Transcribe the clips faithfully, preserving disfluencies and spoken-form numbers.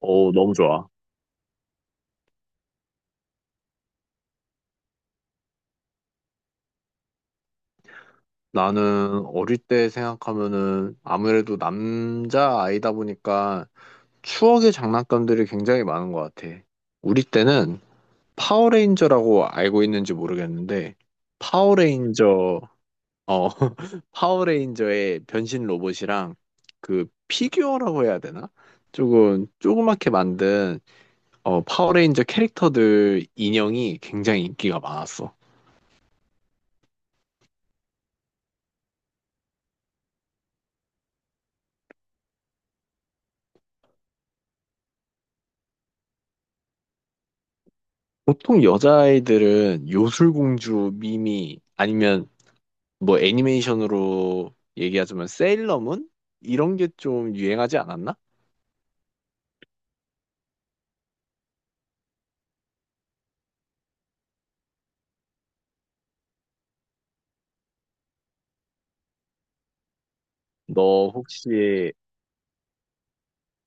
어, 너무 좋아. 나는 어릴 때 생각하면은 아무래도 남자 아이다 보니까 추억의 장난감들이 굉장히 많은 것 같아. 우리 때는 파워레인저라고 알고 있는지 모르겠는데, 파워레인저, 어, 파워레인저의 변신 로봇이랑 그 피규어라고 해야 되나? 조금 조그맣게 만든 어, 파워레인저 캐릭터들 인형이 굉장히 인기가 많았어. 보통 여자아이들은 요술공주 미미 아니면 뭐 애니메이션으로 얘기하자면 세일러문 이런 게 좀 유행하지 않았나? 너 혹시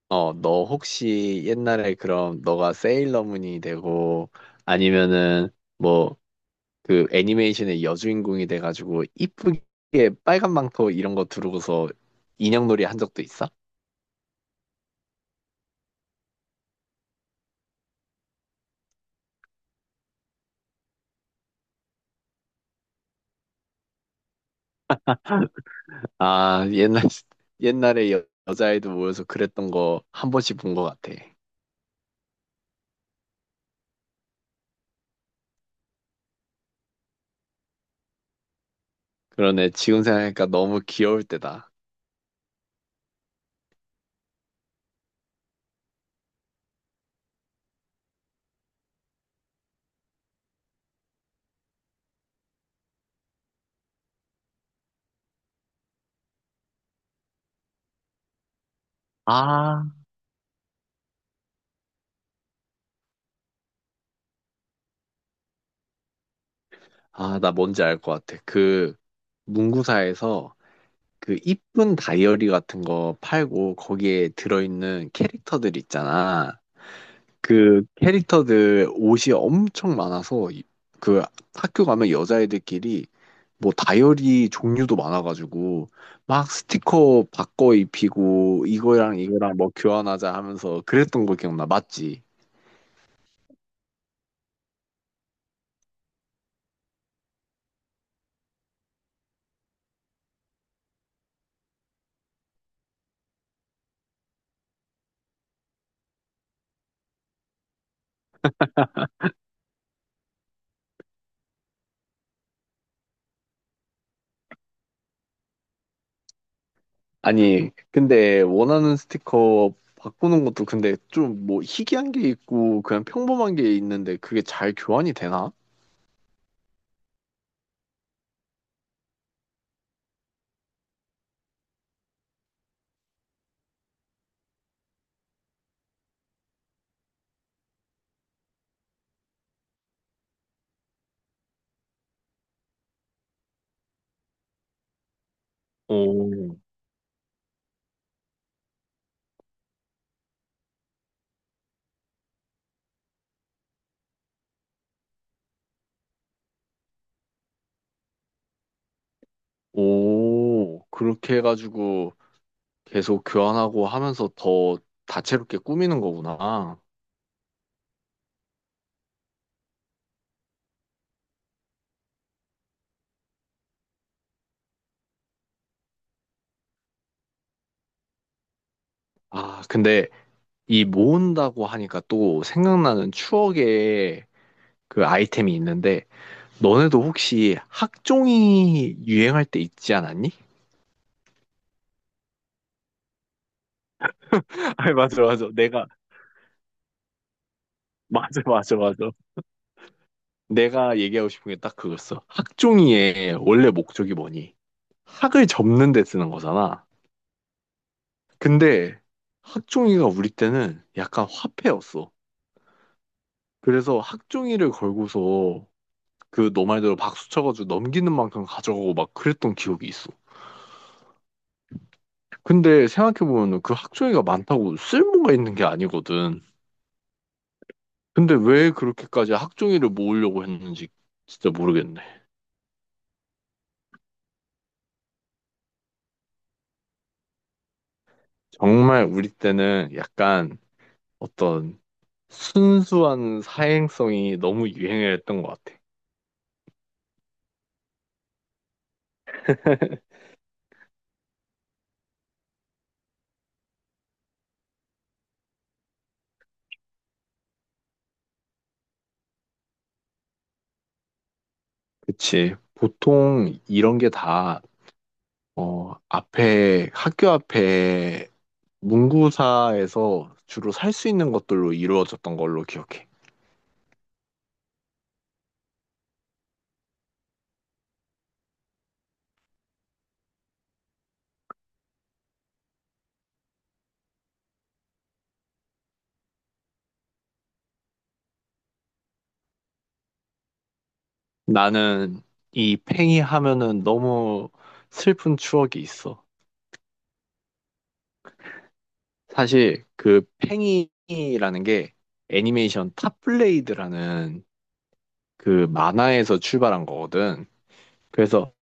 어 너 혹시 옛날에 그럼 너가 세일러문이 되고 아니면은 뭐 그 애니메이션의 여주인공이 돼가지고 이쁘게 빨간 망토 이런 거 두르고서 인형놀이 한 적도 있어? 아 옛날 옛날에 여, 여자아이들 모여서 그랬던 거 한 번씩 본 것 같아. 그러네. 지금 생각하니까 너무 귀여울 때다. 아, 아, 나 뭔지 알 것 같아. 그 문구사에서 그 이쁜 다이어리 같은 거 팔고 거기에 들어있는 캐릭터들 있잖아. 그 캐릭터들 옷이 엄청 많아서 이- 그 학교 가면 여자애들끼리 뭐 다이어리 종류도 많아가지고 막 스티커 바꿔 입히고 이거랑 이거랑 뭐 교환하자 하면서 그랬던 거 기억나. 맞지? 아니, 근데 원하는 스티커 바꾸는 것도 근데 좀 뭐 희귀한 게 있고 그냥 평범한 게 있는데 그게 잘 교환이 되나? 오, 오, 그렇게 해가지고 계속 교환하고 하면서 더 다채롭게 꾸미는 거구나. 아, 근데 이 모은다고 하니까 또 생각나는 추억의 그 아이템이 있는데 너네도 혹시 학종이 유행할 때 있지 않았니? 아니, 맞아, 맞아. 내가, 맞아, 맞아, 맞아. 내가 얘기하고 싶은 게 딱 그거였어. 학종이의 원래 목적이 뭐니? 학을 접는 데 쓰는 거잖아. 근데 학종이가 우리 때는 약간 화폐였어. 그래서 학종이를 걸고서 그 너 말대로 박수 쳐가지고 넘기는 만큼 가져가고 막 그랬던 기억이 있어. 근데 생각해보면 그 학종이가 많다고 쓸모가 있는 게 아니거든. 근데 왜 그렇게까지 학종이를 모으려고 했는지 진짜 모르겠네. 정말 우리 때는 약간 어떤 순수한 사행성이 너무 유행을 했던 것 같아. 그치. 보통 이런 게 다, 어, 앞에, 학교 앞에 문구사에서 주로 살 수 있는 것들로 이루어졌던 걸로 기억해. 나는 이 팽이 하면은 너무 슬픈 추억이 있어. 사실 그 팽이라는 게 애니메이션 탑블레이드라는 그 만화에서 출발한 거거든. 그래서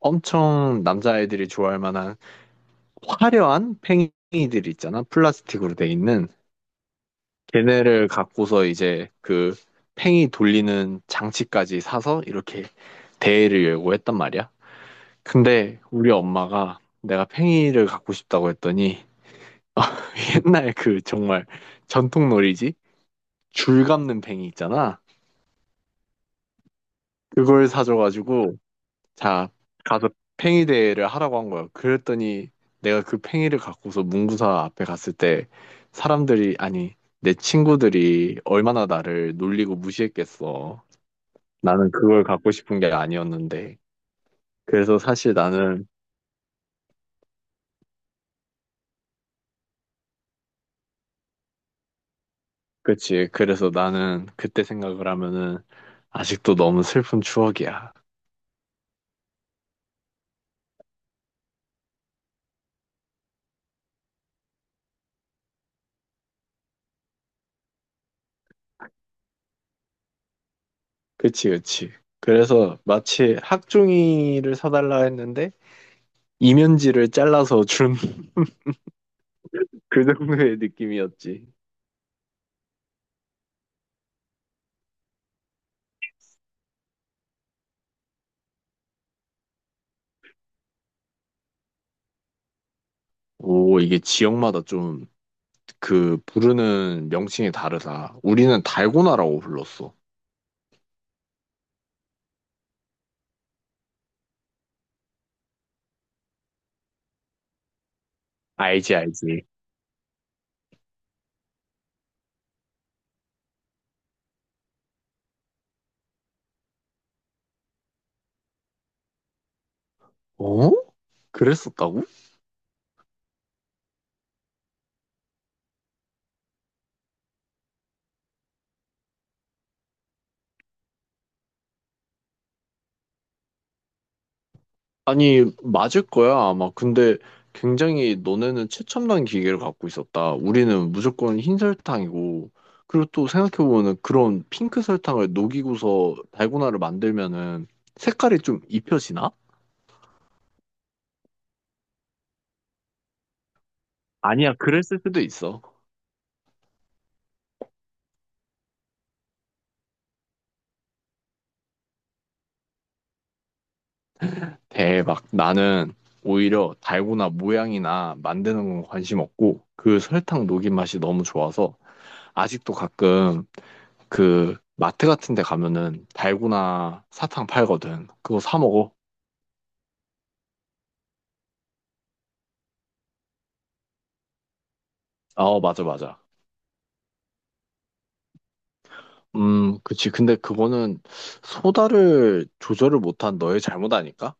엄청 남자애들이 좋아할 만한 화려한 팽이들 있잖아. 플라스틱으로 돼 있는. 걔네를 갖고서 이제 그 팽이 돌리는 장치까지 사서 이렇게 대회를 열고 했단 말이야. 근데 우리 엄마가 내가 팽이를 갖고 싶다고 했더니 옛날 그 정말 전통 놀이지? 줄 감는 팽이 있잖아. 그걸 사줘가지고 자, 가서 팽이 대회를 하라고 한 거예요. 그랬더니 내가 그 팽이를 갖고서 문구사 앞에 갔을 때 사람들이, 아니, 내 친구들이 얼마나 나를 놀리고 무시했겠어. 나는 그걸 갖고 싶은 게 아니었는데. 그래서 사실 나는, 그치. 그래서 나는 그때 생각을 하면은 아직도 너무 슬픈 추억이야. 그치, 그치. 그래서 마치 학종이를 사달라 했는데 이면지를 잘라서 준 그 정도의 느낌이었지. 오, 이게 지역마다 좀 그 부르는 명칭이 다르다. 우리는 달고나라고 불렀어. 알지, 알지. 어? 그랬었다고? 아니, 맞을 거야, 아마. 근데 굉장히 너네는 최첨단 기계를 갖고 있었다. 우리는 무조건 흰 설탕이고. 그리고 또 생각해보면 그런 핑크 설탕을 녹이고서 달고나를 만들면은 색깔이 좀 입혀지나? 아니야, 그랬을 수도 있어. 대박. 나는 오히려 달고나 모양이나 만드는 건 관심 없고 그 설탕 녹인 맛이 너무 좋아서 아직도 가끔 그 마트 같은 데 가면은 달고나 사탕 팔거든. 그거 사 먹어. 어, 맞아, 맞아. 음, 그치. 근데 그거는 소다를 조절을 못한 너의 잘못 아닐까?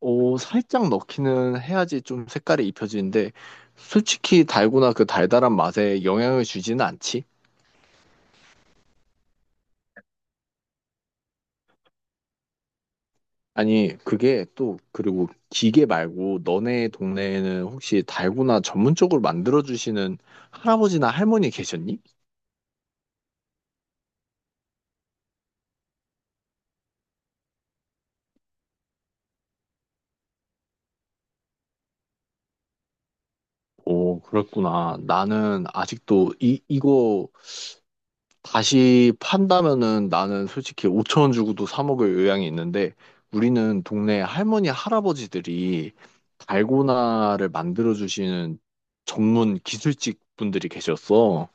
오, 살짝 넣기는 해야지 좀 색깔이 입혀지는데 솔직히 달고나 그 달달한 맛에 영향을 주지는 않지. 아니, 그게 또, 그리고 기계 말고 너네 동네에는 혹시 달고나 전문적으로 만들어주시는 할아버지나 할머니 계셨니? 오, 그랬구나. 나는 아직도 이, 이거 다시 판다면은 나는 솔직히 오천 원 주고도 사 먹을 의향이 있는데 우리는 동네 할머니, 할아버지들이 달고나를 만들어주시는 전문 기술직 분들이 계셨어.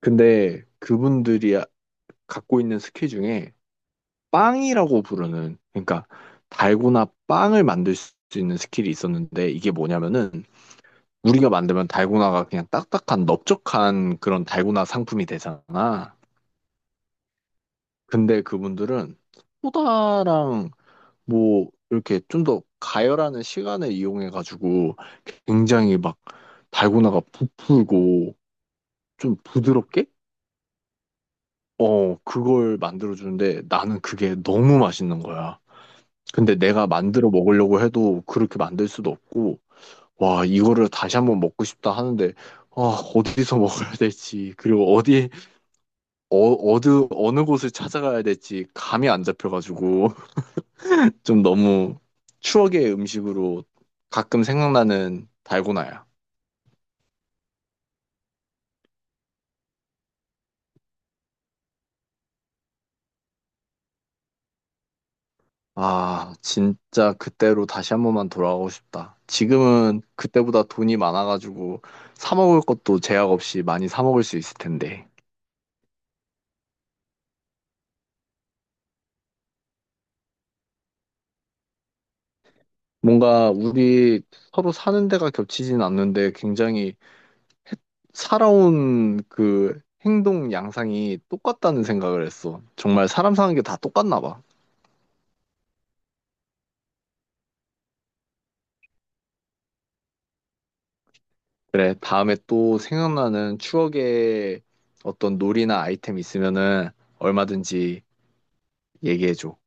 근데 그분들이 갖고 있는 스킬 중에 빵이라고 부르는 그러니까 달고나 빵을 만들 수 있는 스킬이 있었는데 이게 뭐냐면은 우리가 만들면 달고나가 그냥 딱딱한 넓적한 그런 달고나 상품이 되잖아. 근데 그분들은 소다랑 뭐 이렇게 좀 더 가열하는 시간을 이용해가지고 굉장히 막 달고나가 부풀고 좀 부드럽게 어 그걸 만들어주는데 나는 그게 너무 맛있는 거야. 근데 내가 만들어 먹으려고 해도 그렇게 만들 수도 없고, 와, 이거를 다시 한번 먹고 싶다 하는데, 아, 어디서 먹어야 될지, 그리고 어디, 어, 어느, 어느 곳을 찾아가야 될지 감이 안 잡혀가지고, 좀 너무 추억의 음식으로 가끔 생각나는 달고나야. 아, 진짜 그때로 다시 한 번만 돌아가고 싶다. 지금은 그때보다 돈이 많아가지고, 사 먹을 것도 제약 없이 많이 사 먹을 수 있을 텐데. 뭔가 우리 서로 사는 데가 겹치진 않는데 굉장히 살아온 그 행동 양상이 똑같다는 생각을 했어. 정말 사람 사는 게 다 똑같나 봐. 그래, 다음에 또 생각나는 추억의 어떤 놀이나 아이템 있으면은 얼마든지 얘기해줘.